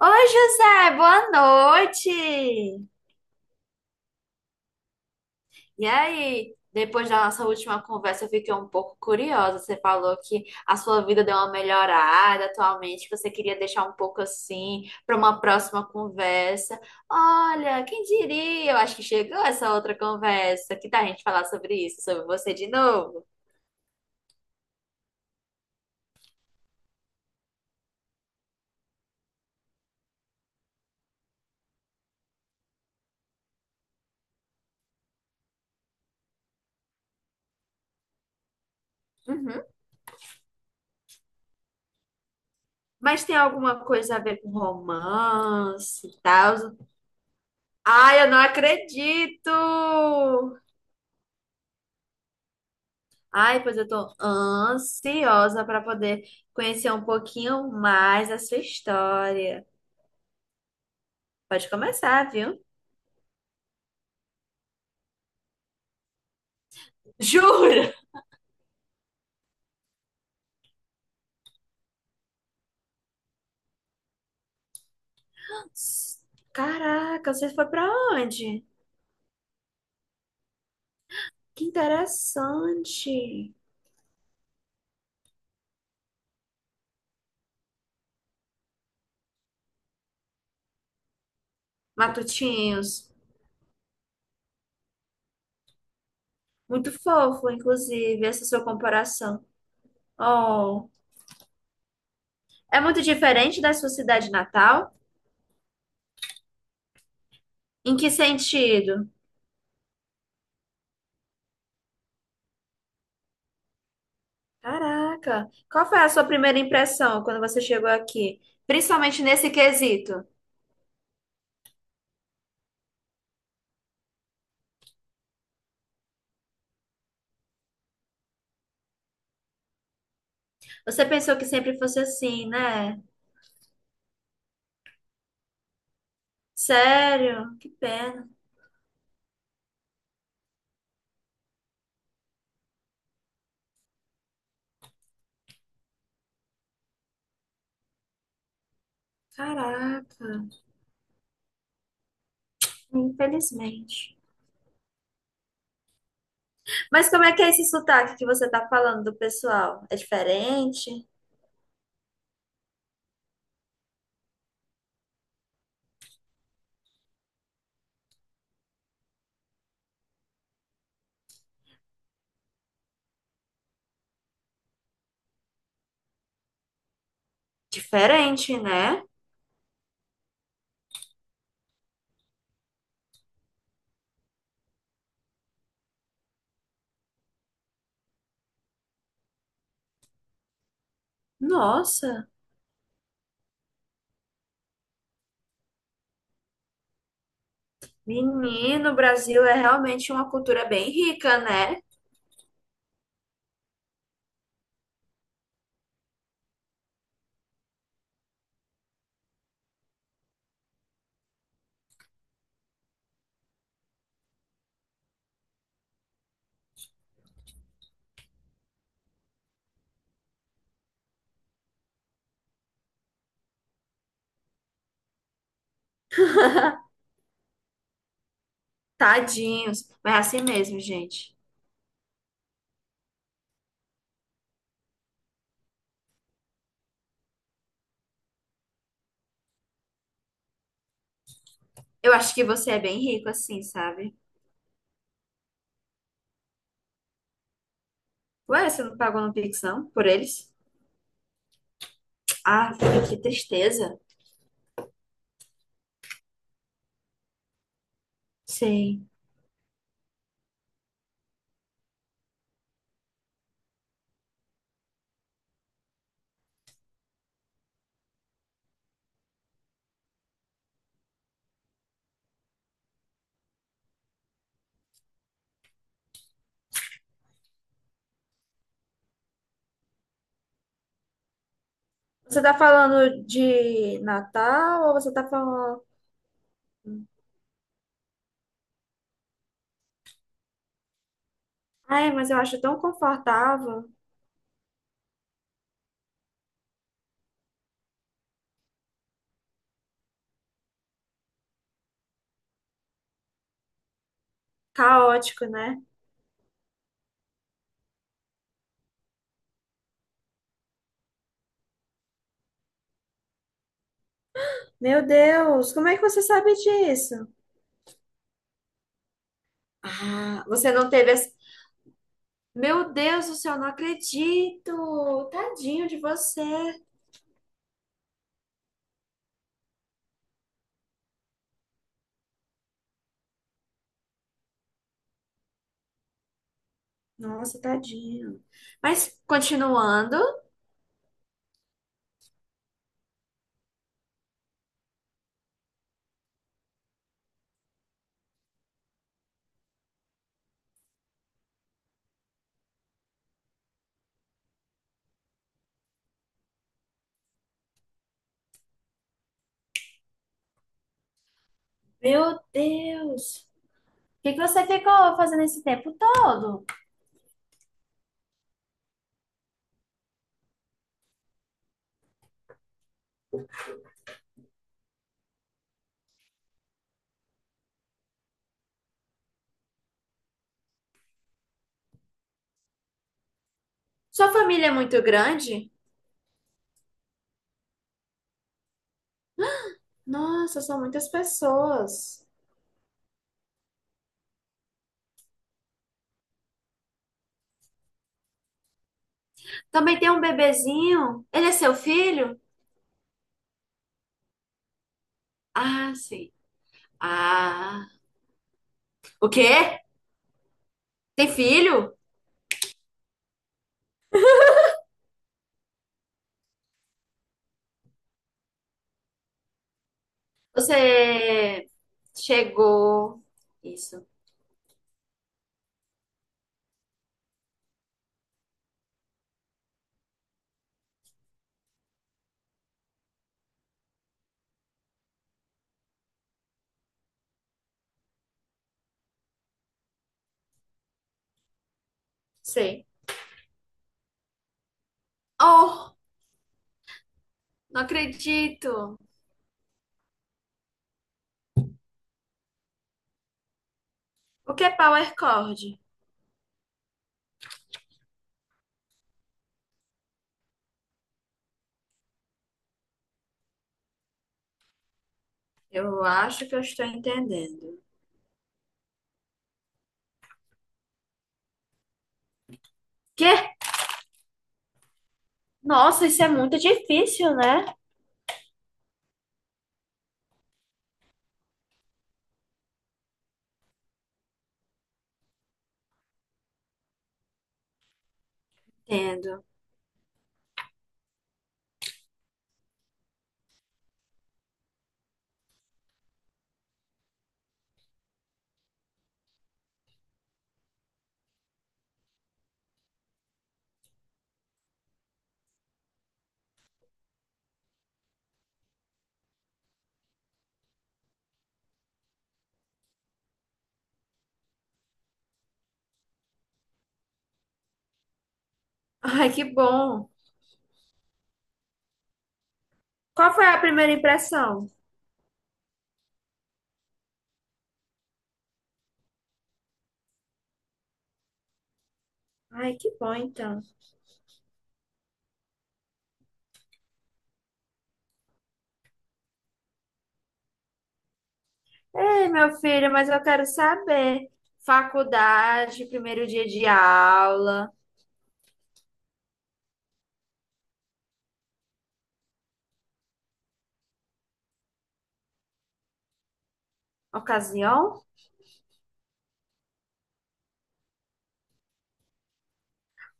Oi, José, boa noite! E aí, depois da nossa última conversa, eu fiquei um pouco curiosa. Você falou que a sua vida deu uma melhorada atualmente, que você queria deixar um pouco assim para uma próxima conversa. Olha, quem diria? Eu acho que chegou essa outra conversa. Que tal a gente falar sobre isso, sobre você de novo? Uhum. Mas tem alguma coisa a ver com romance e tal? Ai, eu não acredito! Ai, pois eu tô ansiosa para poder conhecer um pouquinho mais a sua história. Pode começar, viu? Jura? Caraca, você foi para onde? Que interessante. Matutinhos. Muito fofo, inclusive, essa sua comparação. Oh, é muito diferente da sua cidade natal? Em que sentido? Caraca, qual foi a sua primeira impressão quando você chegou aqui? Principalmente nesse quesito. Você pensou que sempre fosse assim, né? Sério? Que pena. Caraca, infelizmente. Mas como é que é esse sotaque que você tá falando do pessoal? É diferente? Diferente, né? Nossa, menino, o Brasil é realmente uma cultura bem rica, né? Tadinhos. Mas é assim mesmo, gente. Eu acho que você é bem rico assim, sabe? Ué, você não pagou no Pix, não? Por eles? Ah, que tristeza. Sei. Você tá falando de Natal ou você tá falando. Ai, mas eu acho tão confortável. Caótico, né? Meu Deus, como é que você sabe disso? Ah, você não teve esse. Meu Deus do céu, não acredito! Tadinho de você. Nossa, tadinho. Mas continuando. Meu Deus. O que que você ficou fazendo esse tempo todo? Sua família é muito grande? Nossa, são muitas pessoas. Também tem um bebezinho. Ele é seu filho? Ah, sim. Ah. O quê? Tem filho? Você chegou. Isso. Sei. Oh, não acredito. O que é power chord? Eu acho que eu estou entendendo. Quê? Nossa, isso é muito difícil, né? Entendo. Ai, que bom. Qual foi a primeira impressão? Ai, que bom, então. Ei, meu filho, mas eu quero saber. Faculdade, primeiro dia de aula, ocasião?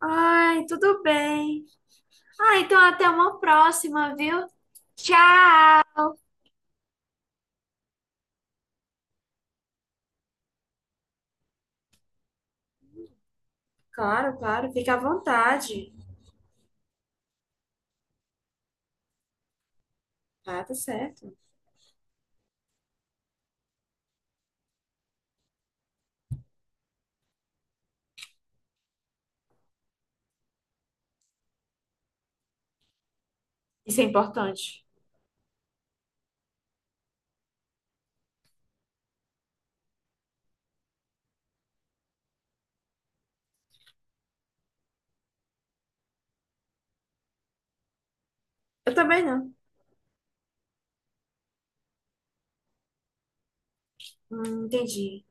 Ai, tudo bem. Ah, então até uma próxima, viu? Tchau. Claro, claro, fica à vontade. Ah, tá certo. Isso é importante. Eu também não. Entendi.